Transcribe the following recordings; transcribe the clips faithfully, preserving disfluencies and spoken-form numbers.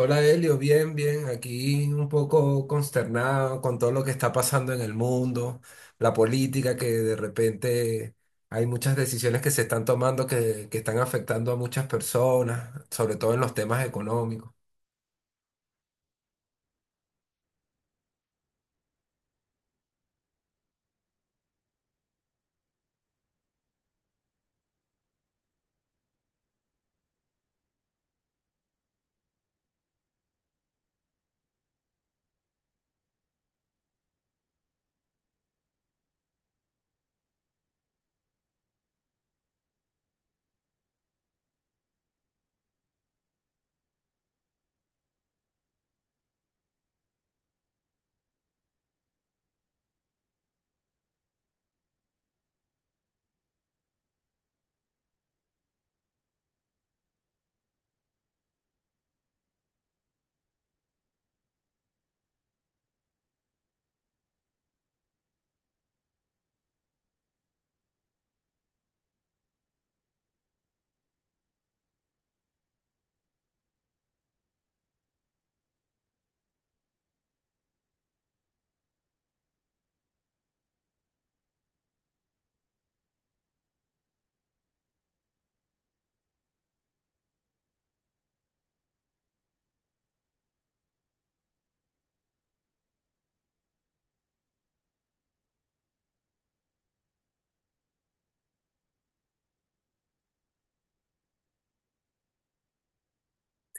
Hola Elio, bien, bien, aquí un poco consternado con todo lo que está pasando en el mundo, la política que de repente hay muchas decisiones que se están tomando que, que están afectando a muchas personas, sobre todo en los temas económicos.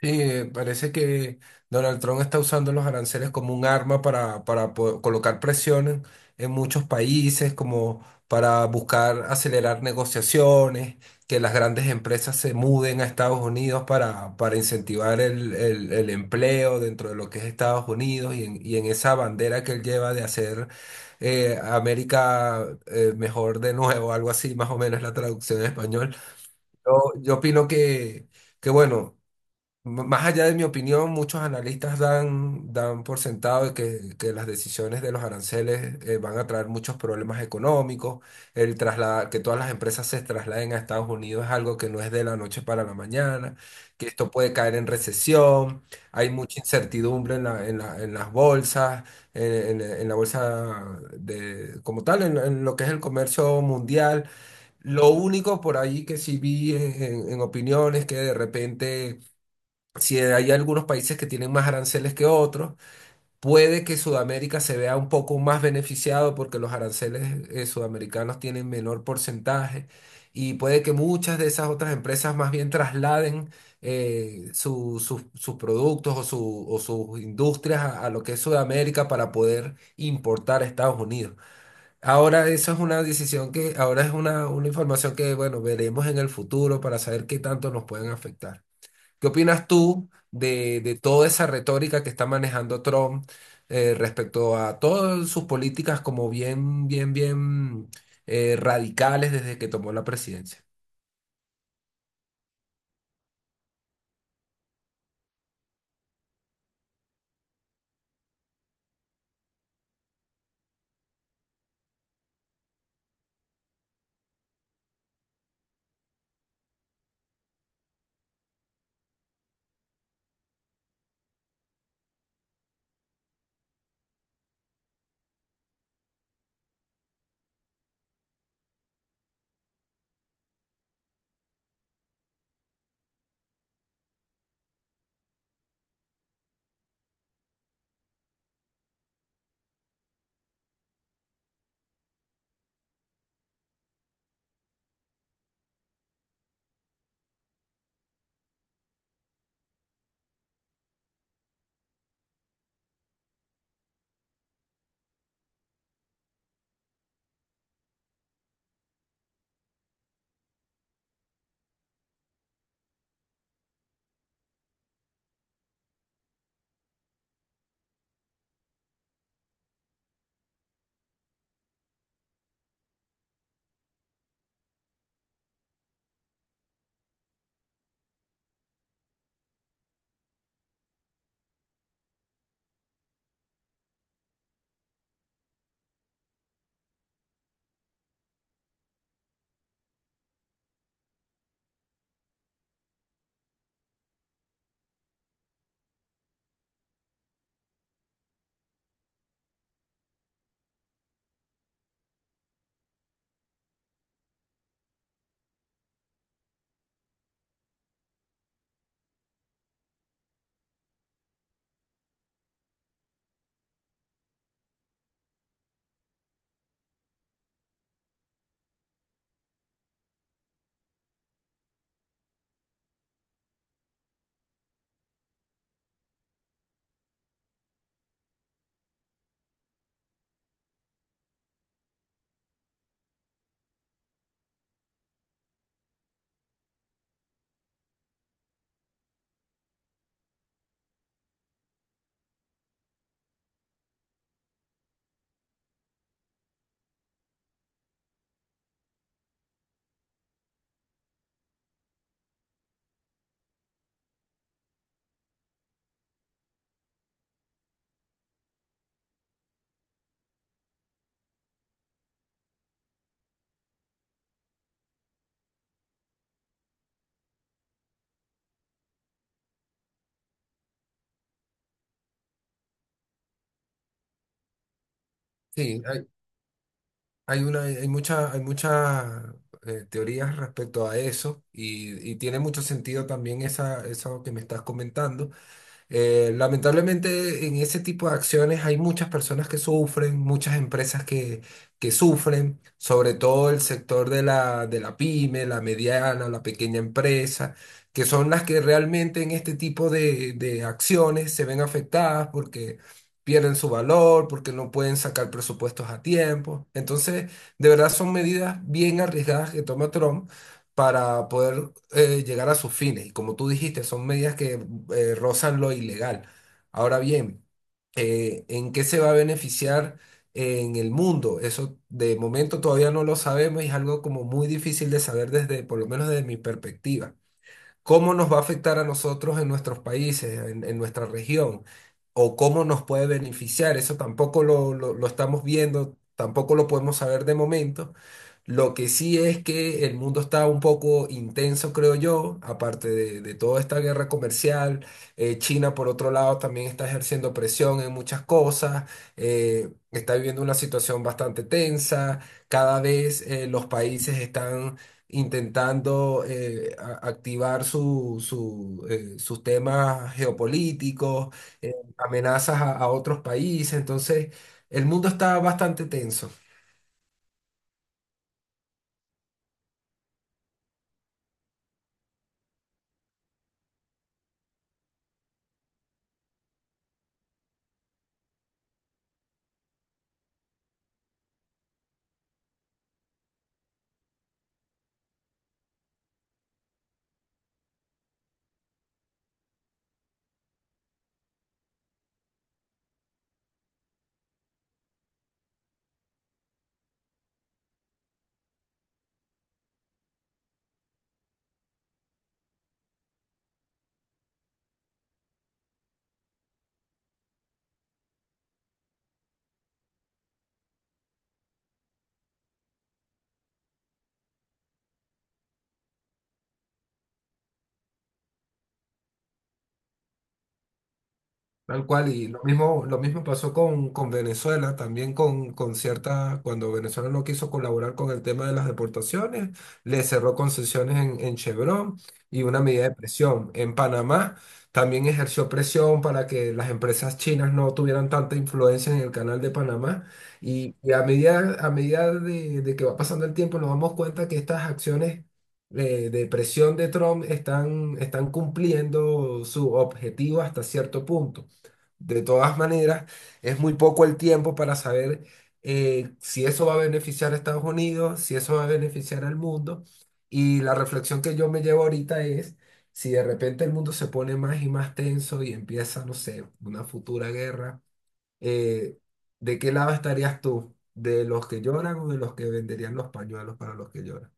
Sí, eh, parece que Donald Trump está usando los aranceles como un arma para, para po- colocar presión en, en muchos países, como para buscar acelerar negociaciones, que las grandes empresas se muden a Estados Unidos para, para incentivar el, el- el- empleo dentro de lo que es Estados Unidos y en, y en esa bandera que él lleva de hacer eh, América eh, mejor de nuevo, algo así, más o menos es la traducción en español. Yo, yo opino que, que bueno. M- Más allá de mi opinión, muchos analistas dan, dan por sentado de que, que las decisiones de los aranceles eh, van a traer muchos problemas económicos. El trasladar, que todas las empresas se trasladen a Estados Unidos es algo que no es de la noche para la mañana, que esto puede caer en recesión. Hay mucha incertidumbre en la- en la- en las bolsas, en, en- en la bolsa de, como tal, en, en lo que es el comercio mundial. Lo único por ahí que sí vi en en- en opiniones que de repente si hay algunos países que tienen más aranceles que otros, puede que Sudamérica se vea un poco más beneficiado porque los aranceles eh, sudamericanos tienen menor porcentaje y puede que muchas de esas otras empresas más bien trasladen eh, su- sus sus productos o, su- o sus industrias a, a lo que es Sudamérica para poder importar a Estados Unidos. Ahora eso es una decisión que, ahora es una, una información que, bueno, veremos en el futuro para saber qué tanto nos pueden afectar. ¿Qué opinas tú de, de toda esa retórica que está manejando Trump eh, respecto a todas sus políticas como bien, bien, bien eh, radicales desde que tomó la presidencia? Sí, hay, hay una, hay mucha, hay muchas eh, teorías respecto a eso y, y tiene mucho sentido también esa, eso que me estás comentando. Eh, lamentablemente en ese tipo de acciones hay muchas personas que sufren, muchas empresas que, que sufren, sobre todo el sector de la, de la pyme, la mediana, la pequeña empresa, que son las que realmente en este tipo de, de acciones se ven afectadas porque pierden su valor, porque no pueden sacar presupuestos a tiempo. Entonces, de verdad son medidas bien arriesgadas que toma Trump para poder eh, llegar a sus fines. Y como tú dijiste, son medidas que eh, rozan lo ilegal. Ahora bien, eh, ¿en qué se va a beneficiar eh, en el mundo? Eso de momento todavía no lo sabemos y es algo como muy difícil de saber desde, por lo menos desde mi perspectiva cómo nos va a afectar a nosotros en nuestros países, en, en nuestra región, o cómo nos puede beneficiar. Eso tampoco lo, lo- lo estamos viendo, tampoco lo podemos saber de momento. Lo que sí es que el mundo está un poco intenso, creo yo, aparte de, de toda esta guerra comercial. Eh, China, por otro lado, también está ejerciendo presión en muchas cosas, eh, está viviendo una situación bastante tensa. Cada vez eh, los países están intentando eh, a- activar su- su, eh, sus temas geopolíticos, eh, amenazas a, a otros países. Entonces, el mundo está bastante tenso. Tal cual, y lo mismo, lo mismo pasó con, con Venezuela, también con, con cierta, cuando Venezuela no quiso colaborar con el tema de las deportaciones, le cerró concesiones en, en Chevron y una medida de presión. En Panamá también ejerció presión para que las empresas chinas no tuvieran tanta influencia en el canal de Panamá. Y, y a medida, a medida de, de que va pasando el tiempo, nos damos cuenta que estas acciones eh, de presión de Trump están, están cumpliendo su objetivo hasta cierto punto. De todas maneras, es muy poco el tiempo para saber eh, si eso va a beneficiar a Estados Unidos, si eso va a beneficiar al mundo. Y la reflexión que yo me llevo ahorita es si de repente el mundo se pone más y más tenso y empieza, no sé, una futura guerra, eh, ¿de qué lado estarías tú? ¿De los que lloran o de los que venderían los pañuelos para los que lloran?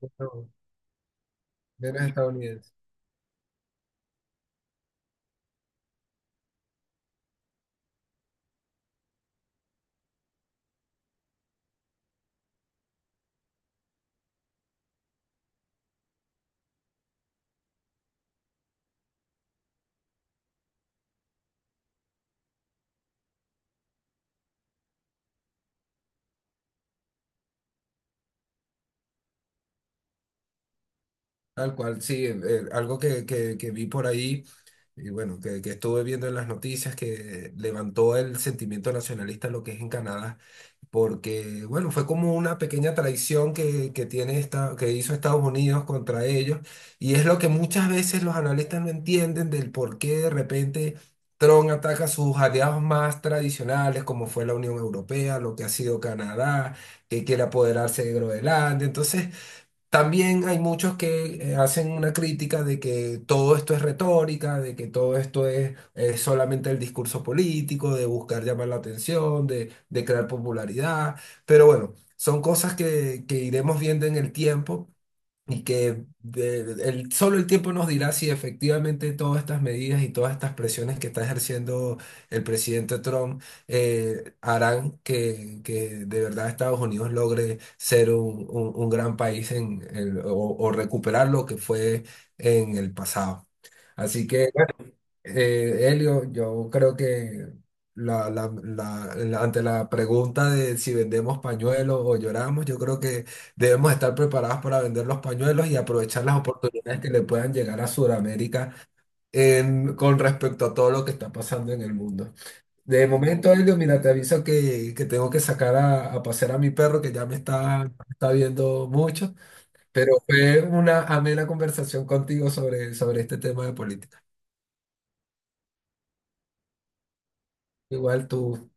Bueno, menos estadounidenses. Tal cual, sí, eh, algo que, que, que vi por ahí y bueno, que, que estuve viendo en las noticias que levantó el sentimiento nacionalista lo que es en Canadá, porque bueno, fue como una pequeña traición que, que tiene esta, que hizo Estados Unidos contra ellos y es lo que muchas veces los analistas no entienden del por qué de repente Trump ataca a sus aliados más tradicionales, como fue la Unión Europea, lo que ha sido Canadá, que quiere apoderarse de Groenlandia, entonces... También hay muchos que eh, hacen una crítica de que todo esto es retórica, de que todo esto es, eh, solamente el discurso político, de buscar llamar la atención, de, de crear popularidad. Pero bueno, son cosas que, que iremos viendo en el tiempo. Y que de- el, solo el tiempo nos dirá si efectivamente todas estas medidas y todas estas presiones que está ejerciendo el presidente Trump eh, harán que, que de verdad Estados Unidos logre ser un, un- un gran país en el- o, o recuperar lo que fue en el pasado. Así que eh, Elio, yo creo que la, la- la- la- ante la pregunta de si vendemos pañuelos o lloramos, yo creo que debemos estar preparados para vender los pañuelos y aprovechar las oportunidades que le puedan llegar a Sudamérica en- con respecto a todo lo que está pasando en el mundo. De momento, Elio, mira, te aviso que, que tengo que sacar a, a pasear a mi perro que ya me está, está viendo mucho, pero fue una amena conversación contigo sobre, sobre este tema de política. Igual tú.